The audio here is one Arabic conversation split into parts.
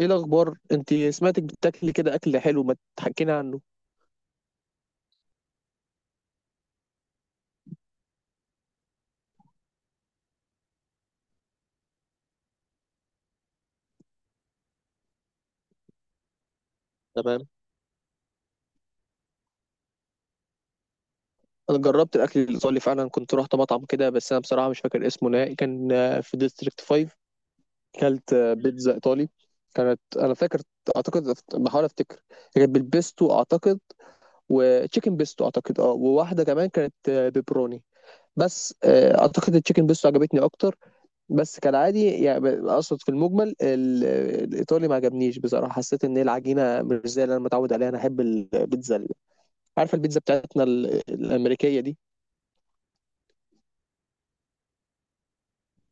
ايه الاخبار؟ انت سمعتك بتاكلي كده اكل حلو، ما تحكينا عنه؟ تمام. انا جربت الاكل الايطالي فعلا. كنت رحت مطعم كده، بس انا بصراحه مش فاكر اسمه نهائي. كان في ديستريكت 5. كلت بيتزا ايطالي. كانت انا فاكر. اعتقد بحاول افتكر. كانت بالبيستو اعتقد. وتشيكن بيستو اعتقد، وواحده كمان كانت بيبروني. بس اعتقد التشيكن بيستو عجبتني اكتر. بس كالعادي يعني اقصد في المجمل الايطالي ما عجبنيش بصراحه. حسيت ان هي العجينه مش زي اللي انا متعود عليها. انا احب البيتزا عارفه البيتزا بتاعتنا الامريكيه دي.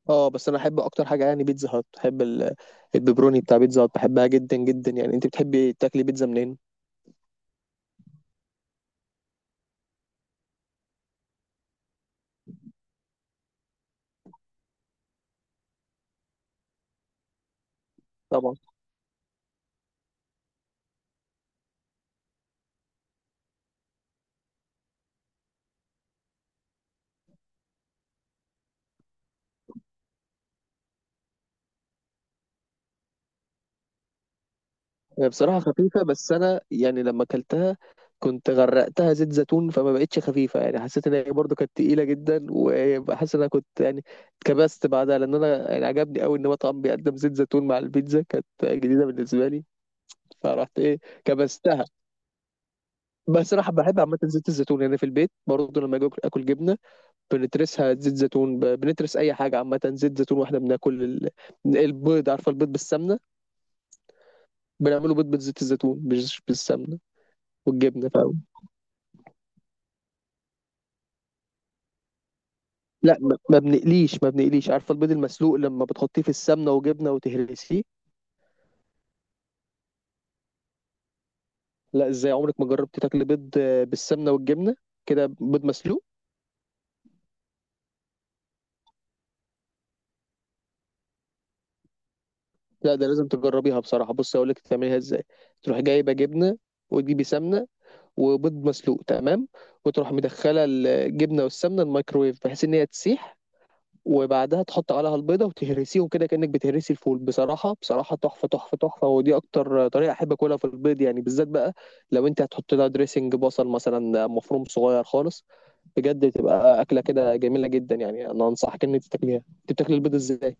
اه بس انا احب اكتر حاجه يعني بيتزا هات. بحب البيبروني بتاع بيتزا هات، بحبها جدا جدا. يعني انت بتحبي تاكلي بيتزا منين؟ طبعا. هي بصراحة خفيفة، بس أنا يعني لما أكلتها كنت غرقتها زيت زيتون، فما بقتش خفيفة. يعني حسيت إن هي برضه كانت تقيلة جدا، وحاسس إن أنا كنت يعني اتكبست بعدها، لأن أنا يعني عجبني أوي إن مطعم بيقدم زيت زيتون مع البيتزا، كانت جديدة بالنسبة لي. فرحت إيه. كبستها. بس صراحة بحب عامة زيت الزيتون. يعني في البيت برضه لما أجي آكل جبنة بنترسها زيت زيتون. بنترس أي حاجة عامة زيت زيتون. وإحنا بناكل البيض، عارفة البيض بالسمنة؟ بنعمله بيض بزيت الزيتون مش بالسمنة والجبنة. لا، ما بنقليش. عارفه البيض المسلوق لما بتحطيه في السمنه وجبنه وتهرسيه. لا، ازاي عمرك ما جربتي تاكلي بيض بالسمنه والجبنه، كده بيض مسلوق؟ لا، ده لازم تجربيها بصراحه. بصي اقول لك تعمليها ازاي. تروحي جايبه جبنه، وتجيبي سمنه، وبيض مسلوق، تمام؟ وتروح مدخله الجبنه والسمنه الميكرويف، بحيث ان هي تسيح، وبعدها تحط عليها البيضه وتهرسيهم كده كانك بتهرسي الفول. بصراحه بصراحه تحفه تحفه تحفه، ودي اكتر طريقه احب اكلها في البيض يعني بالذات بقى. لو انت هتحط لها دريسنج بصل مثلا مفروم صغير خالص، بجد تبقى اكله كده جميله جدا. يعني انا انصحك ان انت تاكليها. انت بتاكل البيض ازاي؟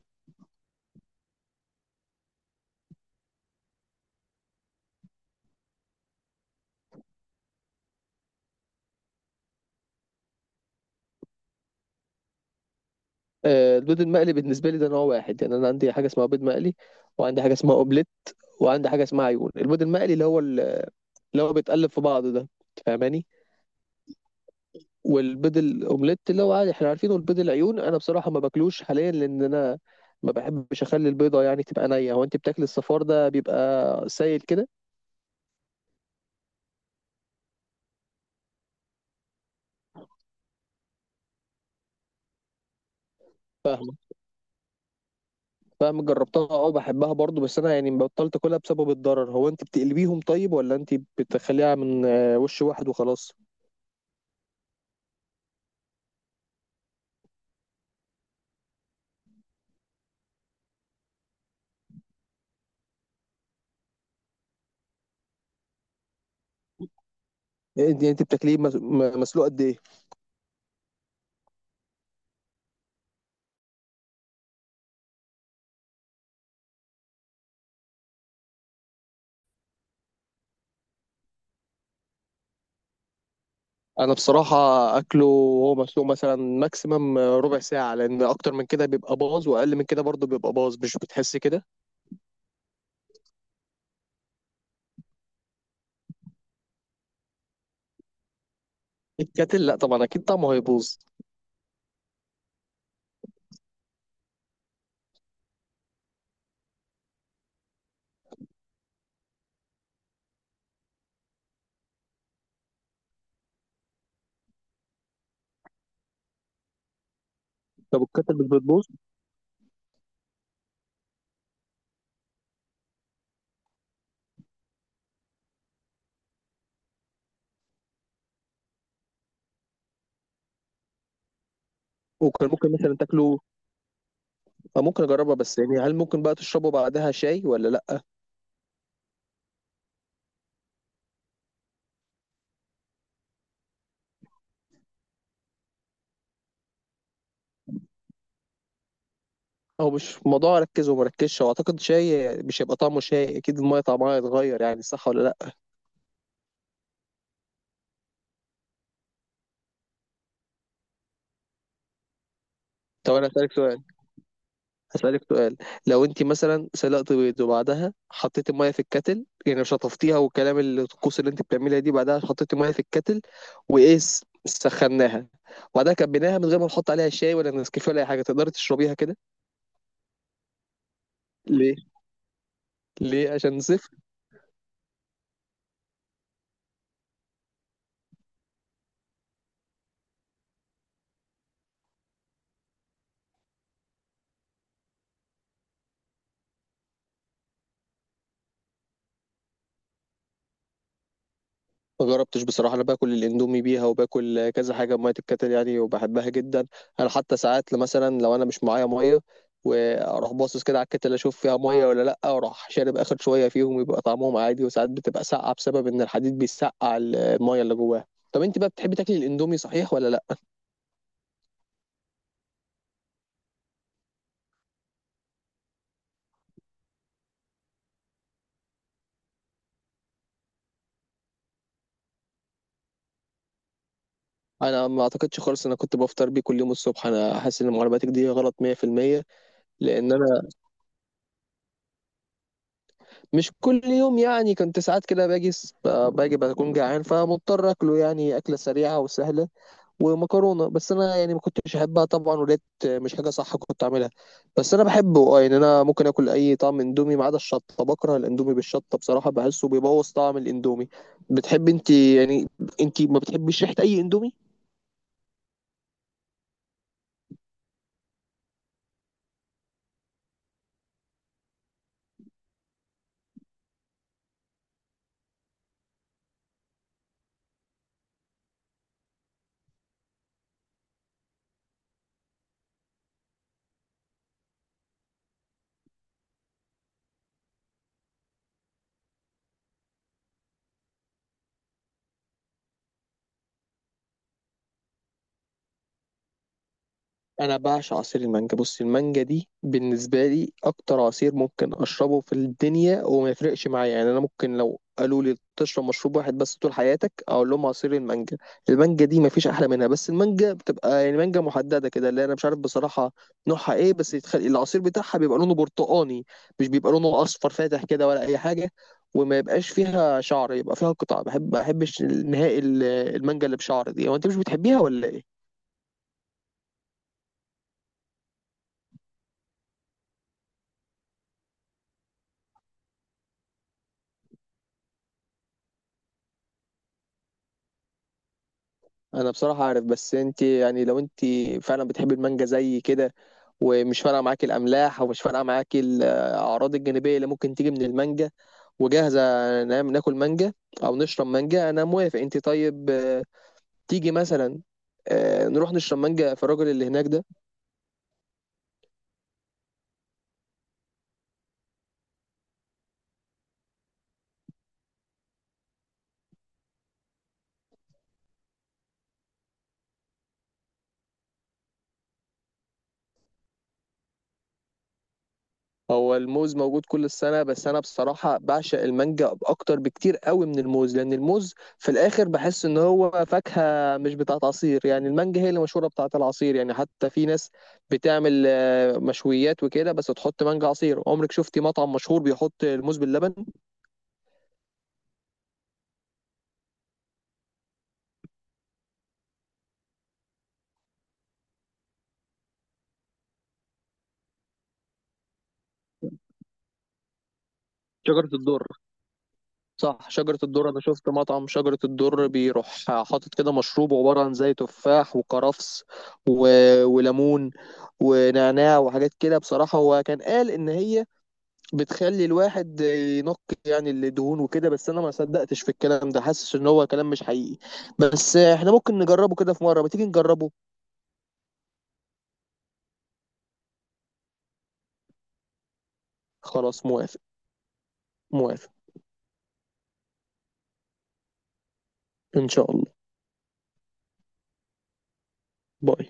البيض المقلي بالنسبه لي ده نوع واحد. يعني انا عندي حاجه اسمها بيض مقلي، وعندي حاجه اسمها اوبليت، وعندي حاجه اسمها عيون. البيض المقلي اللي هو بيتقلب في بعضه ده، فاهماني؟ والبيض الاومليت اللي هو عادي احنا عارفينه. البيض العيون انا بصراحه ما باكلوش حاليا، لان انا ما بحبش اخلي البيضه يعني تبقى نيه. هو انت بتاكل الصفار ده بيبقى سايل كده؟ فاهمك. فاهم جربتها، اه، بحبها برضو، بس انا يعني بطلت اكلها بسبب الضرر. هو انت بتقلبيهم طيب، ولا انت بتخليها من وش واحد وخلاص؟ انت بتاكليه مسلوق قد ايه؟ انا بصراحه اكله وهو مسلوق مثلا ماكسيمم ربع ساعه، لان اكتر من كده بيبقى باظ واقل من كده برضو بيبقى باظ، مش بتحس كده؟ الكاتل؟ لا طبعا، اكيد طعمه هيبوظ. طب الكاتل مش بتبوظ؟ وكان ممكن مثلا تاكله، أو ممكن اجربها. بس يعني هل ممكن بقى تشربه بعدها شاي ولا لا؟ هو مش موضوع اركز ومركزش. واعتقد شاي مش هيبقى طعمه شاي، اكيد الميه طعمها هيتغير، يعني صح ولا لا؟ طب انا هسالك سؤال. هسالك سؤال لو انت مثلا سلقت بيض وبعدها حطيت الميه في الكاتل يعني شطفتيها والكلام الطقوس اللي انت بتعملها دي، بعدها حطيت الميه في الكاتل وايه سخناها، وبعدها كبيناها من غير ما نحط عليها شاي ولا نسكافيه ولا اي حاجه، تقدري تشربيها كده؟ ليه؟ ليه، عشان زفت؟ ما جربتش بصراحه. انا باكل الاندومي بيها وباكل كذا حاجه بميه الكتل يعني وبحبها جدا. انا حتى ساعات مثلا لو انا مش معايا ميه واروح باصص كده على الكتل، اشوف فيها ميه ولا لا، واروح شارب اخر شويه فيهم يبقى طعمهم عادي. وساعات بتبقى ساقعه بسبب ان الحديد بيسقع الميه اللي جواها. طب انت بقى بتحبي تاكلي الاندومي صحيح ولا لا؟ انا ما اعتقدش خالص ان انا كنت بفطر بيه كل يوم الصبح، انا حاسس ان معلوماتك دي غلط 100%. لان انا مش كل يوم، يعني كنت ساعات كده باجي باجي بكون جعان فمضطر اكله، يعني اكله سريعه وسهله، ومكرونه. بس انا يعني ما كنتش احبها طبعا، ولقيت مش حاجه صح كنت اعملها. بس انا بحبه اه. يعني انا ممكن اكل اي طعم اندومي ما عدا الشطه، بكره الاندومي بالشطه بصراحه، بحسه بيبوظ طعم الاندومي. بتحب انت يعني، انت ما بتحبيش ريحه اي اندومي؟ انا بعشق عصير المانجا. بص المانجا دي بالنسبه لي اكتر عصير ممكن اشربه في الدنيا، وما يفرقش معايا. يعني انا ممكن لو قالوا لي تشرب مشروب واحد بس طول حياتك، اقول لهم عصير المانجا. المانجا دي ما فيش احلى منها. بس المانجا بتبقى يعني مانجا محدده كده، اللي انا مش عارف بصراحه نوعها ايه، بس العصير بتاعها بيبقى لونه برتقاني، مش بيبقى لونه اصفر فاتح كده ولا اي حاجه، وما يبقاش فيها شعر، يبقى فيها قطع. بحب ما بحبش نهائي المانجا اللي بشعر دي. هو انت مش بتحبيها ولا ايه؟ انا بصراحه عارف، بس انت يعني لو انت فعلا بتحبي المانجا زي كده، ومش فارقه معاكي الاملاح، ومش فارقه معاكي الاعراض الجانبيه اللي ممكن تيجي من المانجا، وجاهزه، نعم ناكل مانجا او نشرب مانجا، انا موافق. انت طيب تيجي مثلا نروح نشرب مانجا في الراجل اللي هناك ده؟ هو الموز موجود كل السنة، بس أنا بصراحة بعشق المانجا أكتر بكتير قوي من الموز، لأن الموز في الآخر بحس إن هو فاكهة مش بتاعت عصير. يعني المانجا هي اللي مشهورة بتاعت العصير. يعني حتى في ناس بتعمل مشويات وكده بس تحط مانجا عصير. عمرك شفتي مطعم مشهور بيحط الموز باللبن؟ شجرة الدر. صح شجرة الدر. أنا شفت مطعم شجرة الدر بيروح حاطط كده مشروب عبارة عن زي تفاح وكرفس و... وليمون ونعناع وحاجات كده. بصراحة هو كان قال إن هي بتخلي الواحد ينق، يعني الدهون وكده، بس انا ما صدقتش في الكلام ده، حاسس ان هو كلام مش حقيقي. بس احنا ممكن نجربه كده في مرة، ما تيجي نجربه. خلاص موافق. موافق. ان شاء الله. باي.